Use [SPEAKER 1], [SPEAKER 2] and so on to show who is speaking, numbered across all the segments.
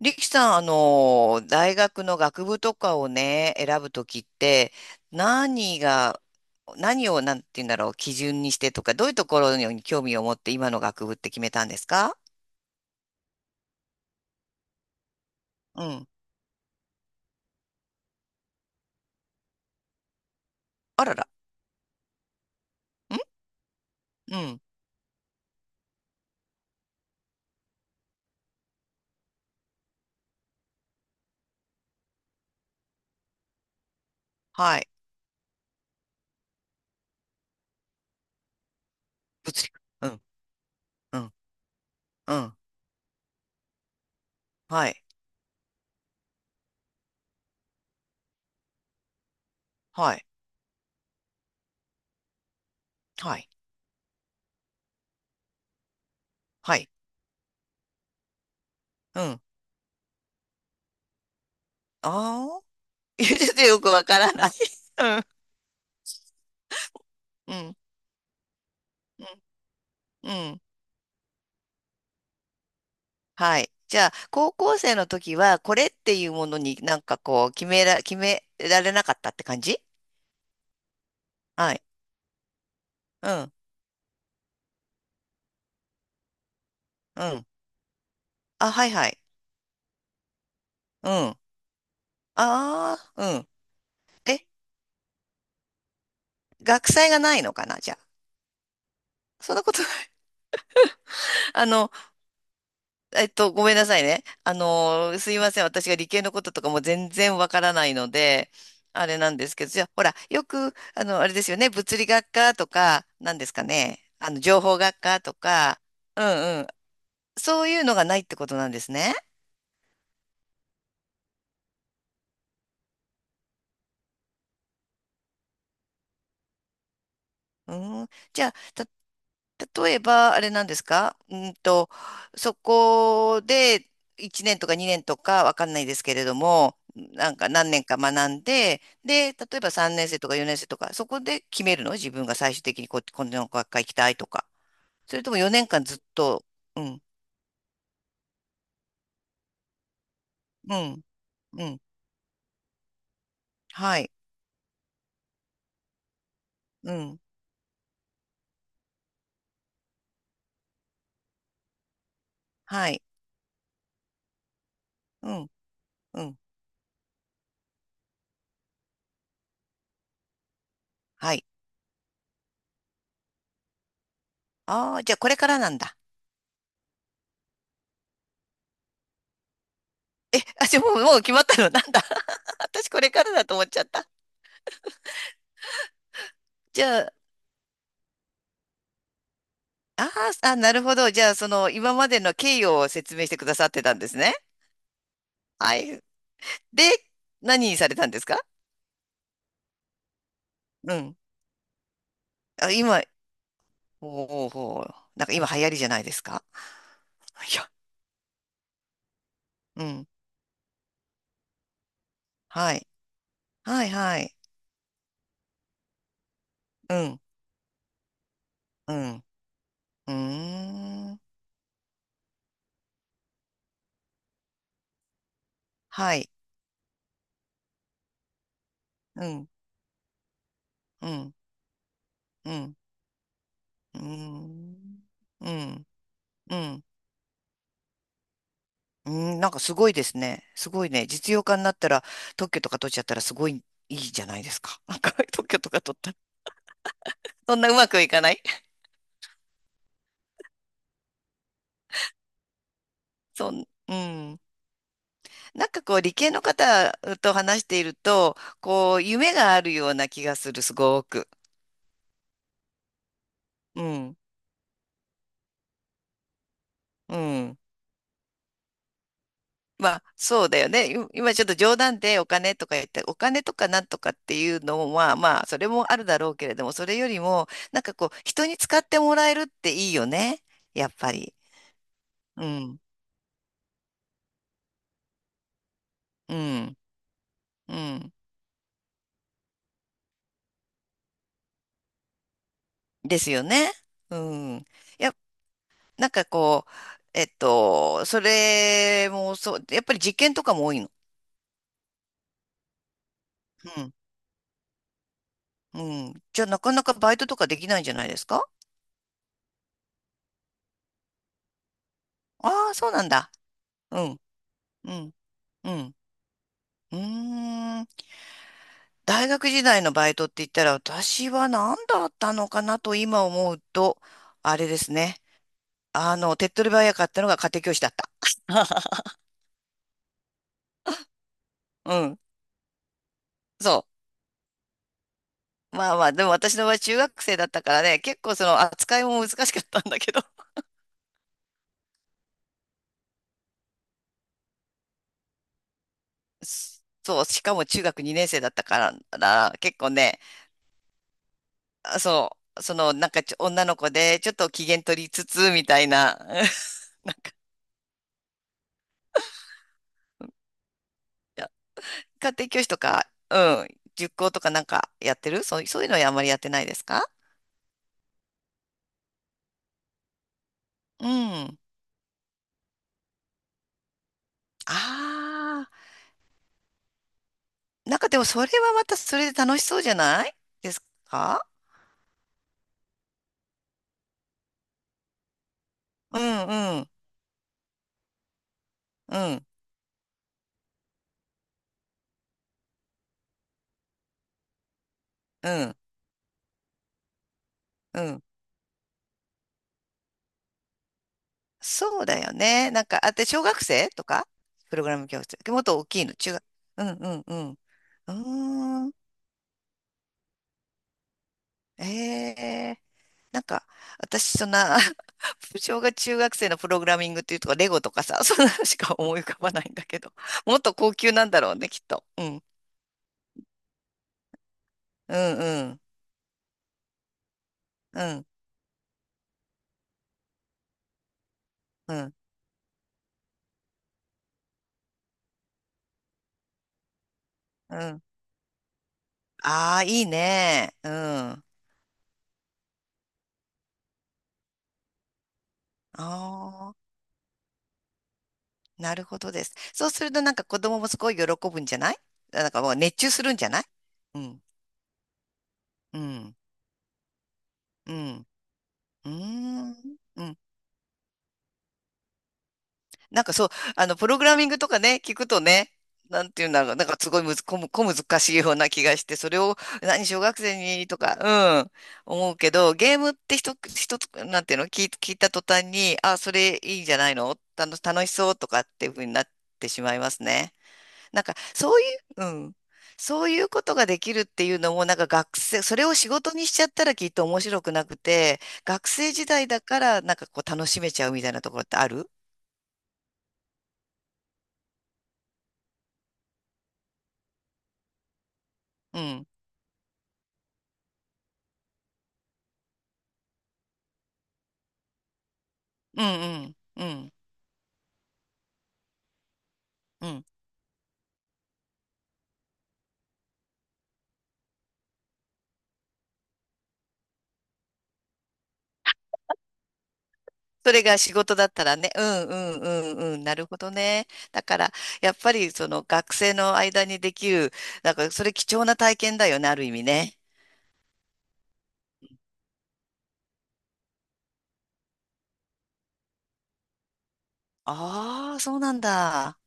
[SPEAKER 1] 力さん、大学の学部とかをね、選ぶときって、何が、何を、なんて言うんだろう、基準にしてとか、どういうところに興味を持って今の学部って決めたんですか？うん。あらら。ん？うん。はい。物理。うん。うん。うん。はい。はい。はい。はい。うん。ああ。言っててよくわからない。うん。うん。うん。うん。はい。じゃあ、高校生の時は、これっていうものになんかこう、決められなかったって感じ？はい。うん。うん。あ、はいはい。うん。ああ、うん。え、学祭がないのかな、じゃあ。そんなことない。あの、ごめんなさいね。すいません。私が理系のこととかも全然わからないので、あれなんですけど、じゃあ、ほら、よく、あれですよね。物理学科とか、なんですかね。情報学科とか、うんうん。そういうのがないってことなんですね。うん。じゃあ、例えば、あれなんですか？そこで1年とか2年とかわかんないですけれども、なんか何年か学んで、で、例えば3年生とか4年生とか、そこで決めるの？自分が最終的にこの学科行きたいとか。それとも4年間ずっと、うん、うん、うん、はい、うん、はい、うん、うん、はい。ああ、じゃあこれからなんだ。え、あ、じゃあもう決まったの？ なんだ 私これからだと思っちゃった。じゃあ、あーあ、なるほど。じゃあ、今までの経緯を説明してくださってたんですね。はい。で、何にされたんですか？うん。あ、今、ほうほうほう。なんか今流行りじゃないですか？ いや、うん。はい。はい、はい。うん、うん。うーん。はい。うん、うん、うん。うーん。うん、うん。うん、なんかすごいですね。すごいね。実用化になったら、特許とか取っちゃったらすごいいいじゃないですか。なんか 特許とか取ったら。そんなうまくいかない？ うん。なんかこう理系の方と話していると、こう夢があるような気がする、すごく。うん、うん。まあそうだよね。今ちょっと冗談でお金とか言って、お金とかなんとかっていうのは、まあそれもあるだろうけれども、それよりも、なんかこう人に使ってもらえるっていいよね。やっぱり。うんうん、うん。ですよね。うん。いや、なんかこう、それもそう、やっぱり実験とかも多いの？うん、うん。じゃあなかなかバイトとかできないんじゃないですか？ああー、そうなんだ。うん、うん、うん。うーん。大学時代のバイトって言ったら、私は何だったのかなと今思うと、あれですね。手っ取り早かったのが家庭教師だった。うん。そう。まあまあ、でも私の場合中学生だったからね、結構その扱いも難しかったんだけど、そう、しかも中学2年生だったからな、結構ね、あそう、なんか女の子でちょっと機嫌取りつつみたいな、いや、家庭教師とか、うん、塾講とかなんかやってるそういうのはあんまりやってないですか？うん。ああ、なんかでもそれはまたそれで楽しそうじゃないですか？うんうん、うん、うん、うん。そうだよね。なんか、あ、で、小学生とかプログラム教室。もっと大きいの、中学。うんうんうん。うーん。ええ、なんか、私、そんな、中学生のプログラミングっていうとか、レゴとかさ、そんなのしか思い浮かばないんだけど、もっと高級なんだろうね、きっと。うん。うんうん。うん。うん。うん。ああ、いいね。うん。ああ、なるほどです。そうすると、なんか子供もすごい喜ぶんじゃない？なんかもう熱中するんじゃない？うん。うん。うん。うーん。うん。なんかそう、プログラミングとかね、聞くとね、なんていうんだろう、なんかすごいむず、こむ、小難しいような気がして、それを、何、小学生にとか、うん、思うけど、ゲームって一つ、なんていうの、聞いた途端に、あ、それいいんじゃないの？楽しそうとかっていうふうになってしまいますね。なんか、そういう、うん。そういうことができるっていうのも、なんか学生、それを仕事にしちゃったらきっと面白くなくて、学生時代だから、なんかこう楽しめちゃうみたいなところってある？うん。うんうん。うん。うん。それが仕事だったらね。うんうんうんうん。なるほどね。だから、やっぱりその学生の間にできる、なんかそれ貴重な体験だよね、ある意味ね。ああ、そうなんだ。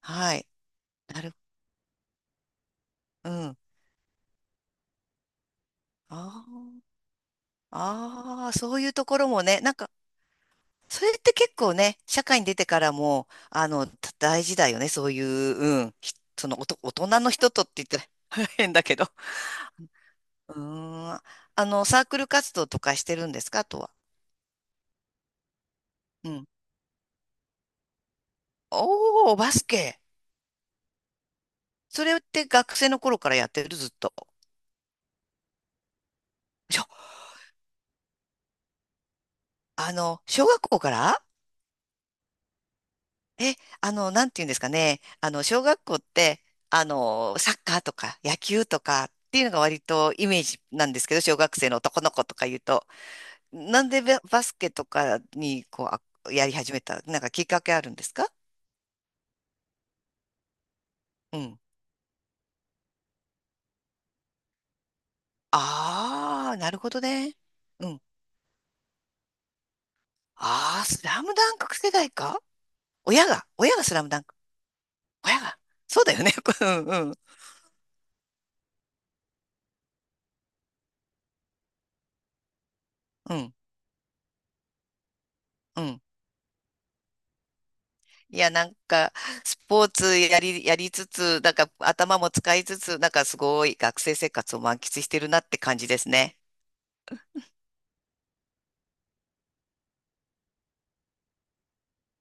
[SPEAKER 1] はい。なる、うん。ああ。ああ、そういうところもね、なんか、それって結構ね、社会に出てからも、大事だよね、そういう、うん、ひその、おと、大人の人とって言ったら 変だけど。うーん、サークル活動とかしてるんですか、あとは。うん。おー、バスケ。それって学生の頃からやってる、ずっと。しょ、あの、小学校から？え、なんていうんですかね。小学校って、サッカーとか野球とかっていうのが割とイメージなんですけど、小学生の男の子とか言うと、なんでババスケとかに、こう、やり始めた、なんかきっかけあるんですか？うん。ああ、なるほどね。うん。ああ、スラムダンク世代か？親が、親がスラムダンク。親が。そうだよね。うん、うん、うん、うん。いや、なんか、スポーツやりつつ、なんか頭も使いつつ、なんかすごい学生生活を満喫してるなって感じですね。